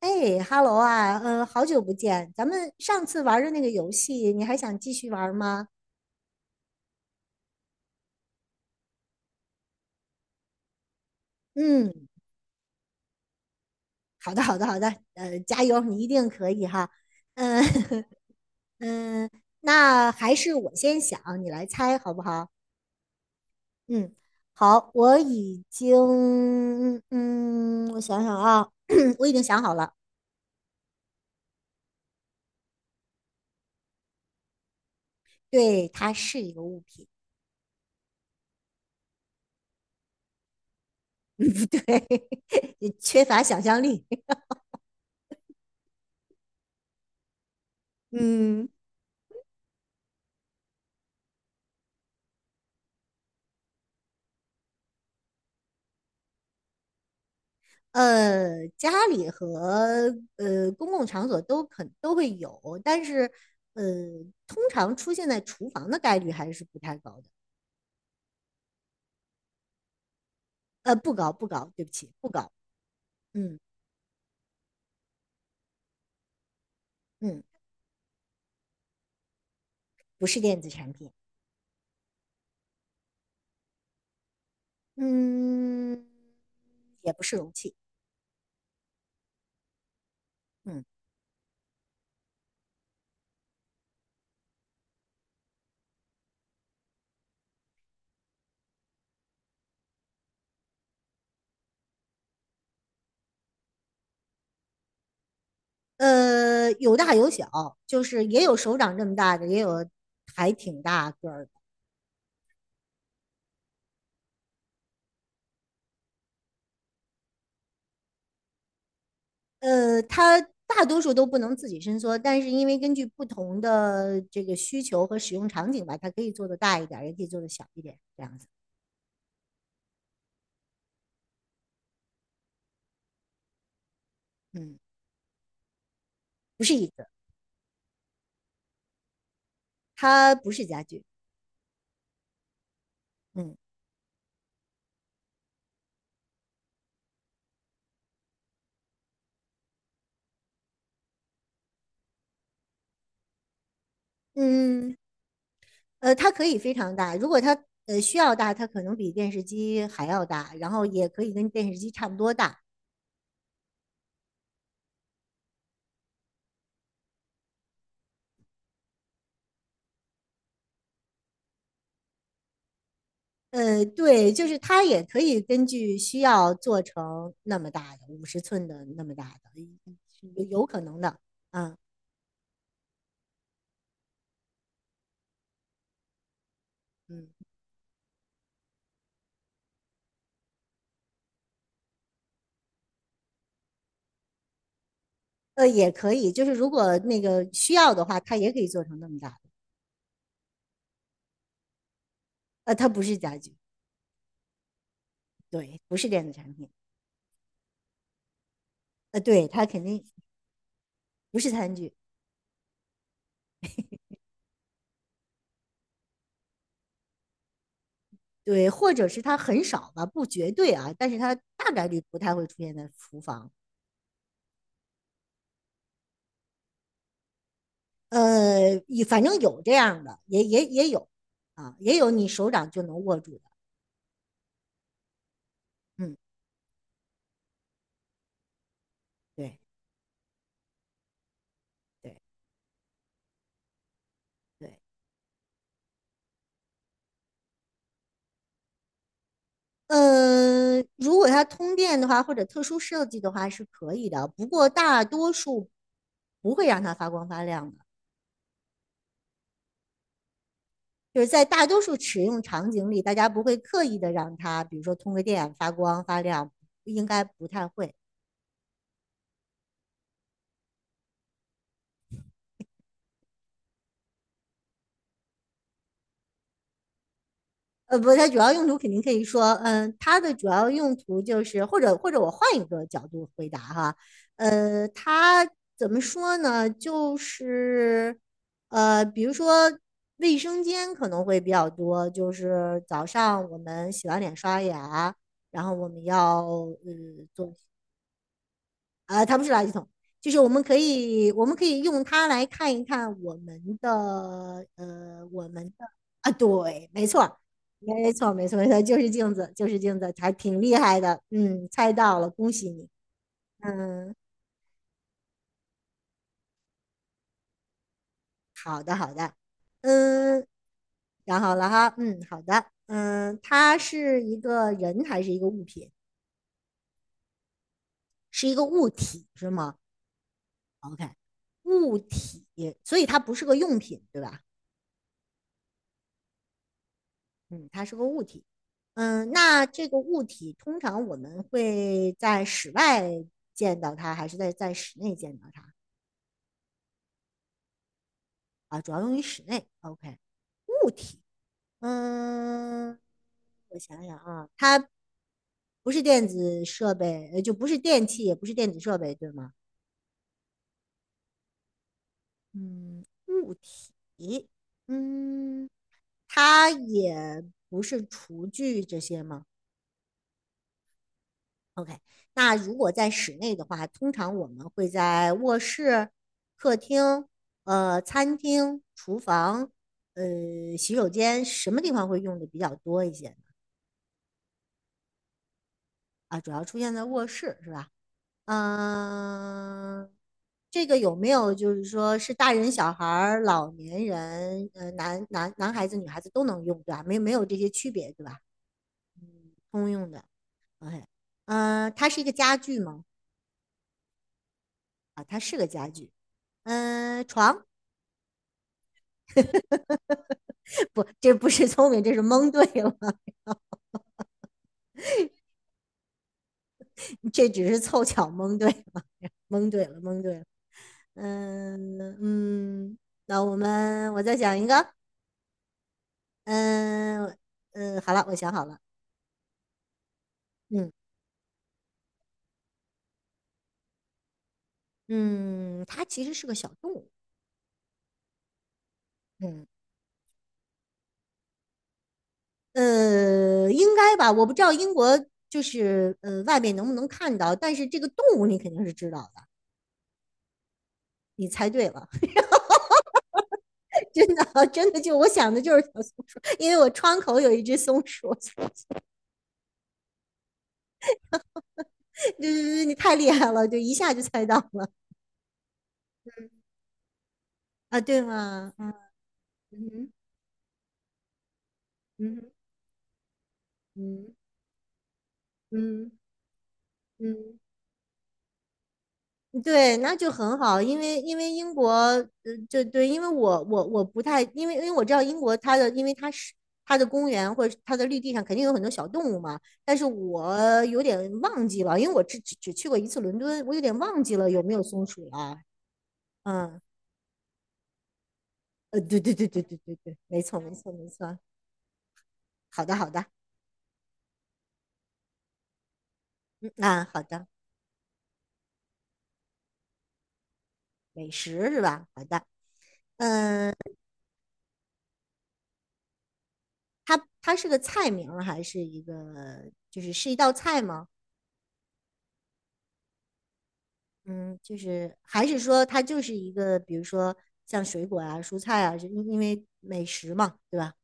哎哈喽啊，好久不见，咱们上次玩的那个游戏，你还想继续玩吗？嗯，好的，好的，好的，加油，你一定可以哈。嗯 嗯，那还是我先想，你来猜好不好？嗯，好，我已经，嗯，我想想啊，我已经想好了，对，它是一个物品，嗯，不对，缺乏想象力，嗯。呃，家里和公共场所都肯都会有，但是呃，通常出现在厨房的概率还是不太高的。呃，不高不高，对不起，不高。嗯嗯，不是电子产品，嗯，也不是容器，嗯呃，有大有小，就是也有手掌这么大的，也有还挺大个儿的。呃，它大多数都不能自己伸缩，但是因为根据不同的这个需求和使用场景吧，它可以做的大一点也可以做的小一点，这样子。嗯，不是椅子，它不是家具。嗯嗯，呃，它可以非常大，如果它需要大，它可能比电视机还要大，然后也可以跟电视机差不多大。呃，对，就是它也可以根据需要做成那么大的，50寸的那么大的，有可能的。啊嗯。呃，也可以，就是如果那个需要的话，它也可以做成那么大的。呃，它不是家具，对，不是电子产品。呃，对，它肯定不是餐具，对，或者是它很少吧，不绝对啊，但是它大概率不太会出现在厨房。呃，反正有这样的，也有啊，也有你手掌就能握住的。嗯，对对对。呃，如果它通电的话，或者特殊设计的话是可以的，不过大多数不会让它发光发亮的。就是在大多数使用场景里，大家不会刻意的让它，比如说通个电发光发亮，应该不太会。不，它主要用途肯定可以说，嗯，它的主要用途就是，或者我换一个角度回答哈，呃，它怎么说呢？就是，呃，比如说卫生间可能会比较多，就是早上我们洗完脸刷牙，然后我们要做，它不是垃圾桶，就是我们可以用它来看一看我们的我们的啊，对，没错，没错，没错，没错，就是镜子，就是镜子，还挺厉害的，嗯，猜到了，恭喜你，嗯嗯，想好了哈，嗯，好的，嗯，它是一个人还是一个物品？是一个物体是吗？OK，物体，所以它不是个用品，对吧？嗯，它是个物体。嗯，那这个物体通常我们会在室外见到它，还是在室内见到它啊？主要用于室内。OK，物体，嗯，我想想啊，它不是电子设备，就不是电器，也不是电子设备，对吗？嗯，物体，嗯，它也不是厨具这些吗？OK，那如果在室内的话，通常我们会在卧室、客厅、餐厅、厨房、洗手间什么地方会用的比较多一些呢？啊，主要出现在卧室是吧？嗯、这个有没有就是说是大人、小孩儿、老年人，呃，男孩子、女孩子都能用，对吧？没没有这些区别，对吧？通用的。OK，嗯、它是一个家具吗？啊，它是个家具。嗯、床。不，这不是聪明，这是蒙对了，这只是凑巧蒙对了，蒙对了，蒙对了。嗯嗯，那我再想一个，嗯嗯，好了，我想好了，嗯嗯，它其实是个小动物，嗯呃，应该吧，我不知道英国就是外面能不能看到，但是这个动物你肯定是知道的，你猜对了，真的真的就我想的就是小松鼠，因为我窗口有1只松鼠，所对对对，你太厉害了，就一下就猜到了啊，对吗？嗯嗯嗯嗯嗯嗯对，那就很好，因为英国，呃，就对，因为我不太，因为我知道英国它的，因为它是它的公园或者是它的绿地上肯定有很多小动物嘛，但是我有点忘记了，因为我只去过1次伦敦，我有点忘记了有没有松鼠了。嗯，呃，对对对对对对对，没错没错没错，好的好的，嗯啊好的。美食是吧？好的，嗯，它它是个菜名儿还是一个就是是一道菜吗？嗯，就是还是说它就是一个，比如说像水果啊、蔬菜啊，就因为美食嘛，对吧？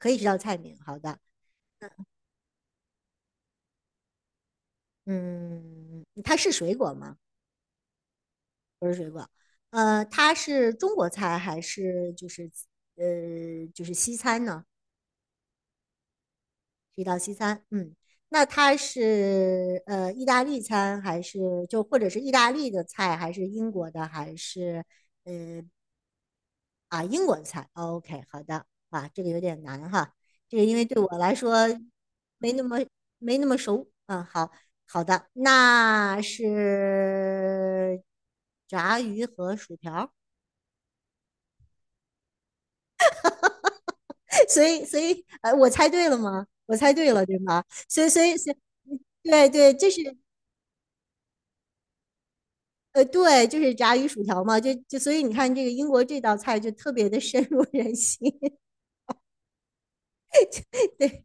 可以是道菜名。好的，嗯，它是水果吗？不是水果。呃，它是中国菜还是就是就是西餐呢？是一道西餐，嗯，那它是意大利餐还是就或者是意大利的菜，还是英国的，还是呃啊英国的菜哦？OK，好的，啊，这个有点难哈，这个因为对我来说没那么没那么熟，嗯，好的，那是炸鱼和薯条儿 所以我猜对了吗？我猜对了对吗？所以所以所以，嗯对对，这是。呃，对，就是炸鱼薯条嘛，所以你看这个英国这道菜就特别的深入人心，对，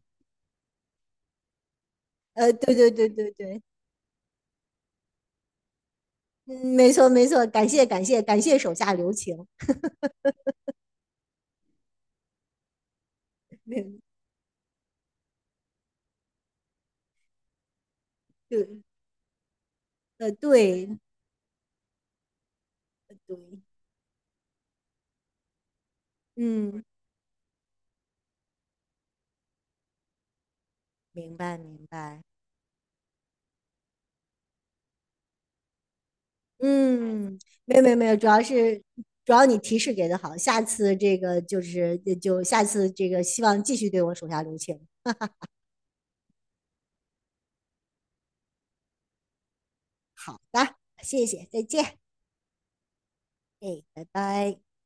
呃，对对对对对，嗯，没错没错，感谢感谢感谢手下留情，对，呃，对对，嗯，明白明白，嗯，没有没有没有，主要你提示给的好，下次这个就下次这个希望继续对我手下留情，好的，谢谢，再见，哎，拜拜。